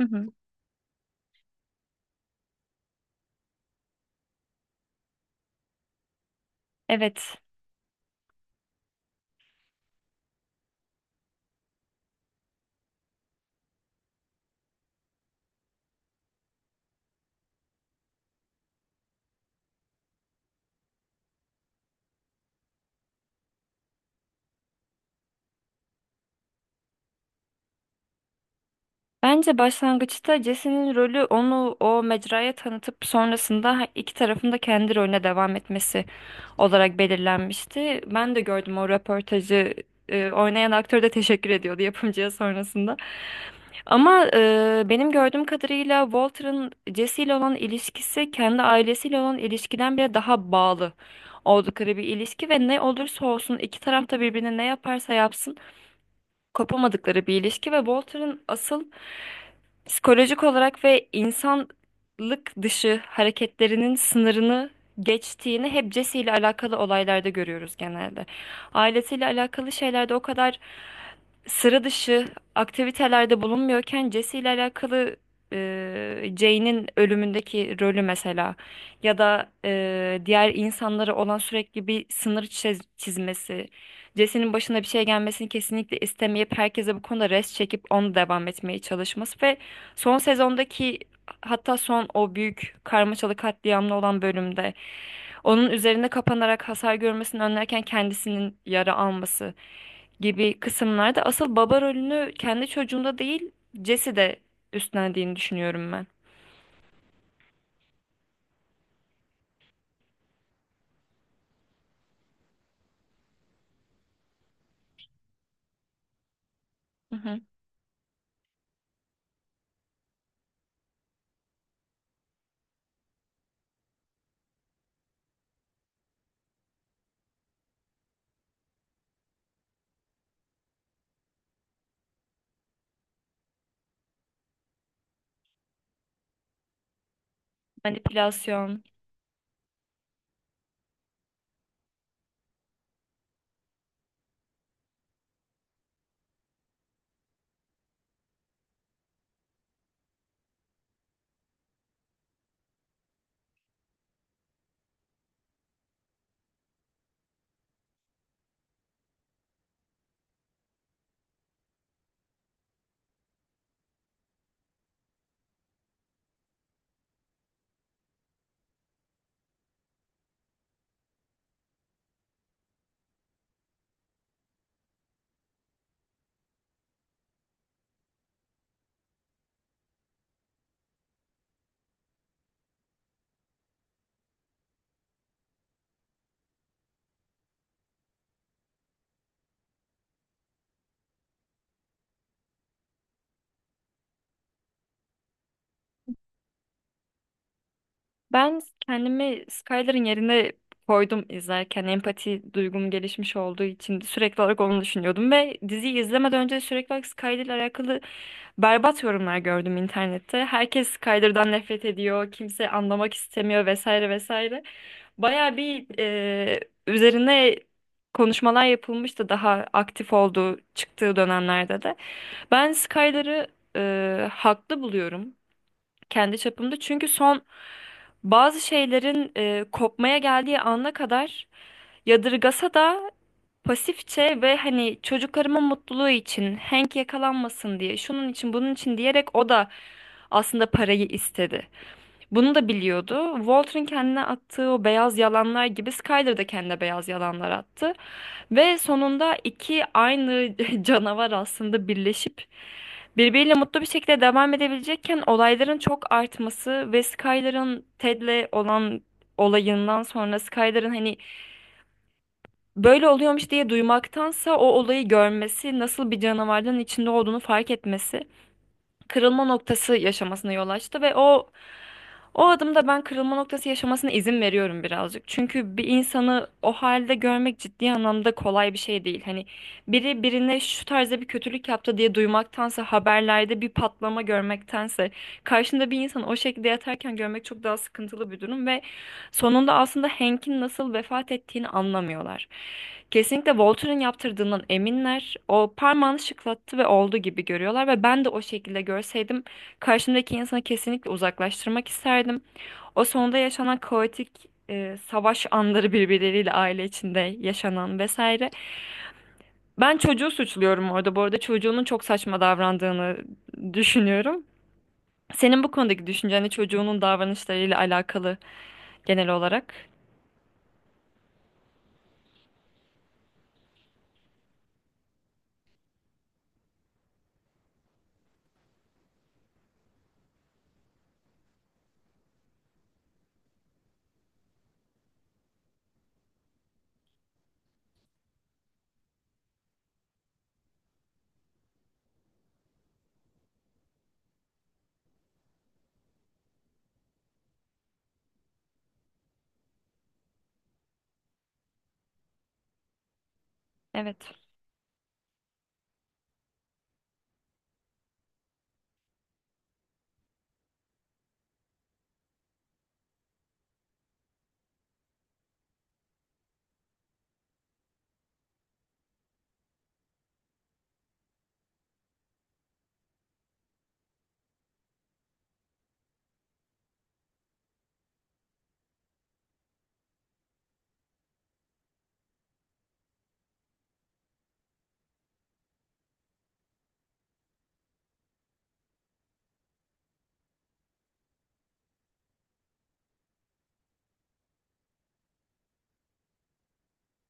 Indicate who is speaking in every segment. Speaker 1: Hı hı. Evet. Bence başlangıçta Jesse'nin rolü onu o mecraya tanıtıp sonrasında iki tarafın da kendi rolüne devam etmesi olarak belirlenmişti. Ben de gördüm o röportajı. Oynayan aktör de teşekkür ediyordu yapımcıya sonrasında. Ama benim gördüğüm kadarıyla Walter'ın Jesse ile olan ilişkisi kendi ailesiyle olan ilişkiden bile daha bağlı oldukları bir ilişki ve ne olursa olsun iki taraf da birbirine ne yaparsa yapsın kopamadıkları bir ilişki ve Walter'ın asıl psikolojik olarak ve insanlık dışı hareketlerinin sınırını geçtiğini hep Jesse ile alakalı olaylarda görüyoruz genelde. Ailesiyle alakalı şeylerde o kadar sıra dışı aktivitelerde bulunmuyorken Jesse ile alakalı Jane'in ölümündeki rolü mesela, ya da diğer insanlara olan sürekli bir sınır çizmesi, Jesse'nin başına bir şey gelmesini kesinlikle istemeyip herkese bu konuda rest çekip onu devam etmeye çalışması, son sezondaki hatta son o büyük karmaşalı katliamlı olan bölümde onun üzerinde kapanarak hasar görmesini önlerken kendisinin yara alması gibi kısımlarda asıl baba rolünü kendi çocuğunda değil Jesse de üstlendiğini düşünüyorum ben. Hı hı. Manipülasyon. Ben kendimi Skyler'ın yerine koydum izlerken, empati duygum gelişmiş olduğu için sürekli olarak onu düşünüyordum ve diziyi izlemeden önce sürekli olarak Skyler'la alakalı berbat yorumlar gördüm internette. Herkes Kaydır'dan nefret ediyor, kimse anlamak istemiyor, vesaire vesaire. Baya bir üzerine konuşmalar yapılmıştı daha aktif olduğu, çıktığı dönemlerde de. Ben Skyler'ı haklı buluyorum kendi çapımda. Çünkü son bazı şeylerin kopmaya geldiği ana kadar, yadırgasa da pasifçe ve hani çocuklarımın mutluluğu için Hank yakalanmasın diye, şunun için bunun için diyerek o da aslında parayı istedi. Bunu da biliyordu. Walter'ın kendine attığı o beyaz yalanlar gibi Skyler de kendine beyaz yalanlar attı. Ve sonunda iki aynı canavar aslında birleşip birbiriyle mutlu bir şekilde devam edebilecekken, olayların çok artması ve Skyler'ın Ted'le olan olayından sonra, Skyler'ın hani böyle oluyormuş diye duymaktansa o olayı görmesi, nasıl bir canavardan içinde olduğunu fark etmesi, kırılma noktası yaşamasına yol açtı ve o adımda ben kırılma noktası yaşamasına izin veriyorum birazcık. Çünkü bir insanı o halde görmek ciddi anlamda kolay bir şey değil. Hani biri birine şu tarzda bir kötülük yaptı diye duymaktansa, haberlerde bir patlama görmektense, karşında bir insan o şekilde yatarken görmek çok daha sıkıntılı bir durum ve sonunda aslında Hank'in nasıl vefat ettiğini anlamıyorlar. Kesinlikle Walter'ın yaptırdığından eminler. O parmağını şıklattı ve oldu gibi görüyorlar ve ben de o şekilde görseydim karşımdaki insanı kesinlikle uzaklaştırmak isterdim. O sonunda yaşanan kaotik savaş anları, birbirleriyle aile içinde yaşanan vesaire. Ben çocuğu suçluyorum orada. Bu arada çocuğunun çok saçma davrandığını düşünüyorum. Senin bu konudaki düşünceni çocuğunun davranışlarıyla alakalı, genel olarak. Evet.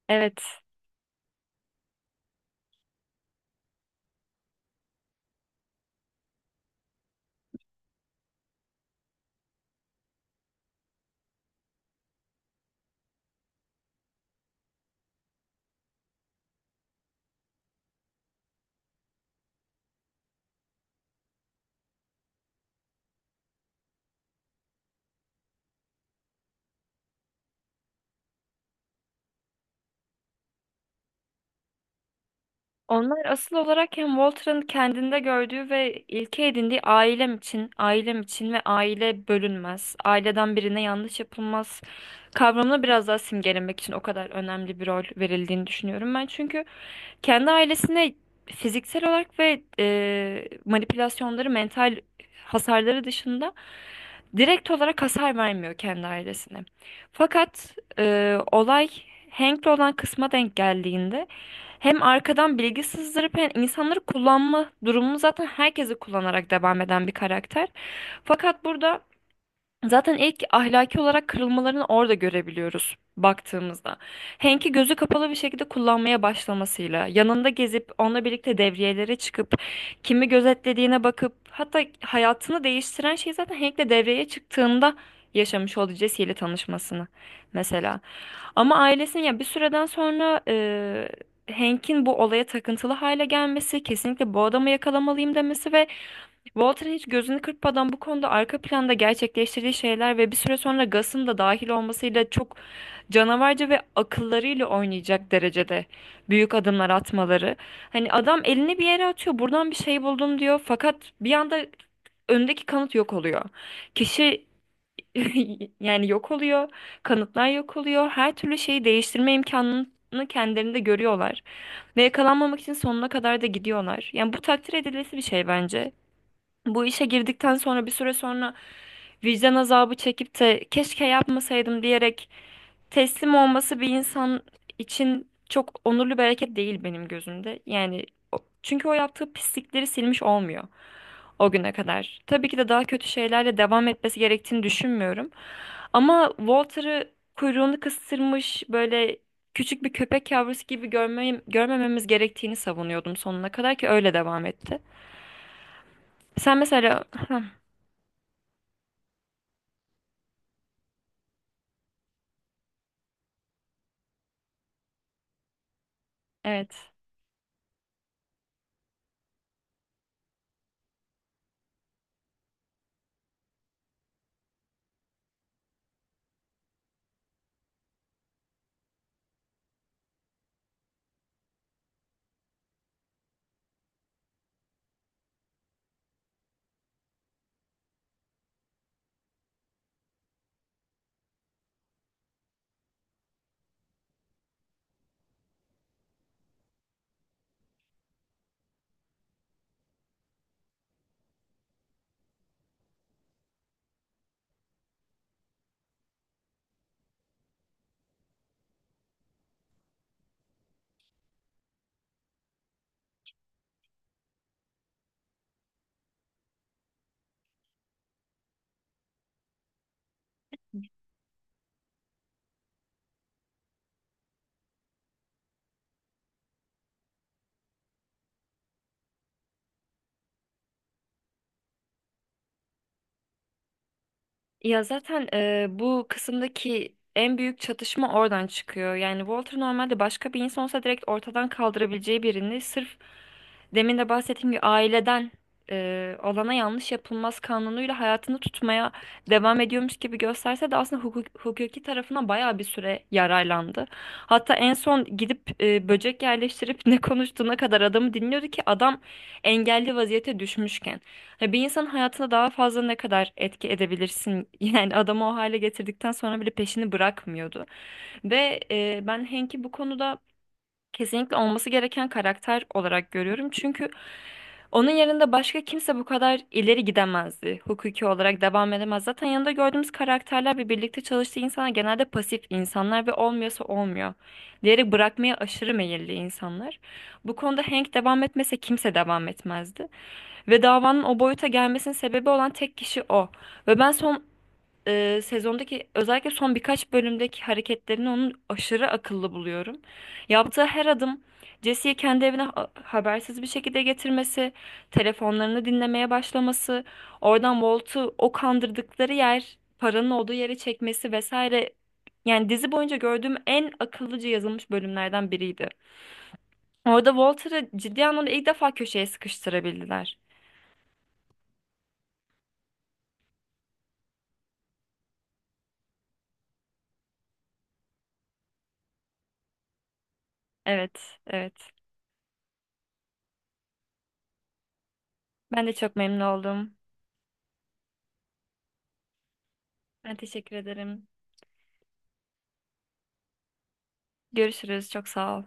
Speaker 1: Evet. Onlar asıl olarak hem Walter'ın kendinde gördüğü ve ilke edindiği ailem için, ailem için ve aile bölünmez, aileden birine yanlış yapılmaz kavramını biraz daha simgelemek için o kadar önemli bir rol verildiğini düşünüyorum ben. Çünkü kendi ailesine fiziksel olarak ve manipülasyonları, mental hasarları dışında direkt olarak hasar vermiyor kendi ailesine. Fakat olay Hank'le olan kısma denk geldiğinde, hem arkadan bilgi sızdırıp hem insanları kullanma durumunu, zaten herkesi kullanarak devam eden bir karakter. Fakat burada, zaten ilk ahlaki olarak kırılmalarını orada görebiliyoruz baktığımızda. Hank'i gözü kapalı bir şekilde kullanmaya başlamasıyla, yanında gezip onunla birlikte devriyelere çıkıp kimi gözetlediğine bakıp, hatta hayatını değiştiren şey zaten Hank'le devreye çıktığında yaşamış olduğu Jesse ile tanışmasını mesela. Ama ailesinin, ya bir süreden sonra Hank'in bu olaya takıntılı hale gelmesi, kesinlikle bu adamı yakalamalıyım demesi ve Walter hiç gözünü kırpmadan bu konuda arka planda gerçekleştirdiği şeyler ve bir süre sonra Gus'ın da dahil olmasıyla çok canavarca ve akıllarıyla oynayacak derecede büyük adımlar atmaları. Hani adam elini bir yere atıyor, buradan bir şey buldum diyor, fakat bir anda öndeki kanıt yok oluyor. Kişi yani yok oluyor, kanıtlar yok oluyor. Her türlü şeyi değiştirme imkanını kendilerinde görüyorlar ve yakalanmamak için sonuna kadar da gidiyorlar. Yani bu takdir edilesi bir şey bence. Bu işe girdikten sonra bir süre sonra vicdan azabı çekip de keşke yapmasaydım diyerek teslim olması, bir insan için çok onurlu bir hareket değil benim gözümde. Yani çünkü o yaptığı pislikleri silmiş olmuyor o güne kadar. Tabii ki de daha kötü şeylerle devam etmesi gerektiğini düşünmüyorum. Ama Walter'ı kuyruğunu kıstırmış böyle küçük bir köpek yavrusu gibi görmememiz gerektiğini savunuyordum sonuna kadar, ki öyle devam etti. Sen mesela. Heh, evet. Ya zaten bu kısımdaki en büyük çatışma oradan çıkıyor. Yani Walter, normalde başka bir insan olsa direkt ortadan kaldırabileceği birini, sırf demin de bahsettiğim gibi aileden olana yanlış yapılmaz kanunuyla hayatını tutmaya devam ediyormuş gibi gösterse de, aslında hukuki tarafına bayağı bir süre yararlandı. Hatta en son gidip böcek yerleştirip ne konuştuğuna kadar adamı dinliyordu, ki adam engelli vaziyete düşmüşken. Ha, bir insanın hayatına daha fazla ne kadar etki edebilirsin? Yani adamı o hale getirdikten sonra bile peşini bırakmıyordu. Ve ben Henk'i bu konuda kesinlikle olması gereken karakter olarak görüyorum. Çünkü onun yanında başka kimse bu kadar ileri gidemezdi. Hukuki olarak devam edemez. Zaten yanında gördüğümüz karakterler ve birlikte çalıştığı insanlar genelde pasif insanlar ve olmuyorsa olmuyor. Diğeri bırakmaya aşırı meyilli insanlar. Bu konuda Hank devam etmese kimse devam etmezdi. Ve davanın o boyuta gelmesinin sebebi olan tek kişi o. Ve ben son sezondaki, özellikle son birkaç bölümdeki hareketlerini onun aşırı akıllı buluyorum. Yaptığı her adım, Jesse'yi kendi evine habersiz bir şekilde getirmesi, telefonlarını dinlemeye başlaması, oradan Walt'u o kandırdıkları yer, paranın olduğu yere çekmesi vesaire. Yani dizi boyunca gördüğüm en akıllıca yazılmış bölümlerden biriydi. Orada Walter'ı ciddi anlamda ilk defa köşeye sıkıştırabildiler. Evet, evet. Ben de çok memnun oldum. Ben teşekkür ederim. Görüşürüz. Çok sağ ol.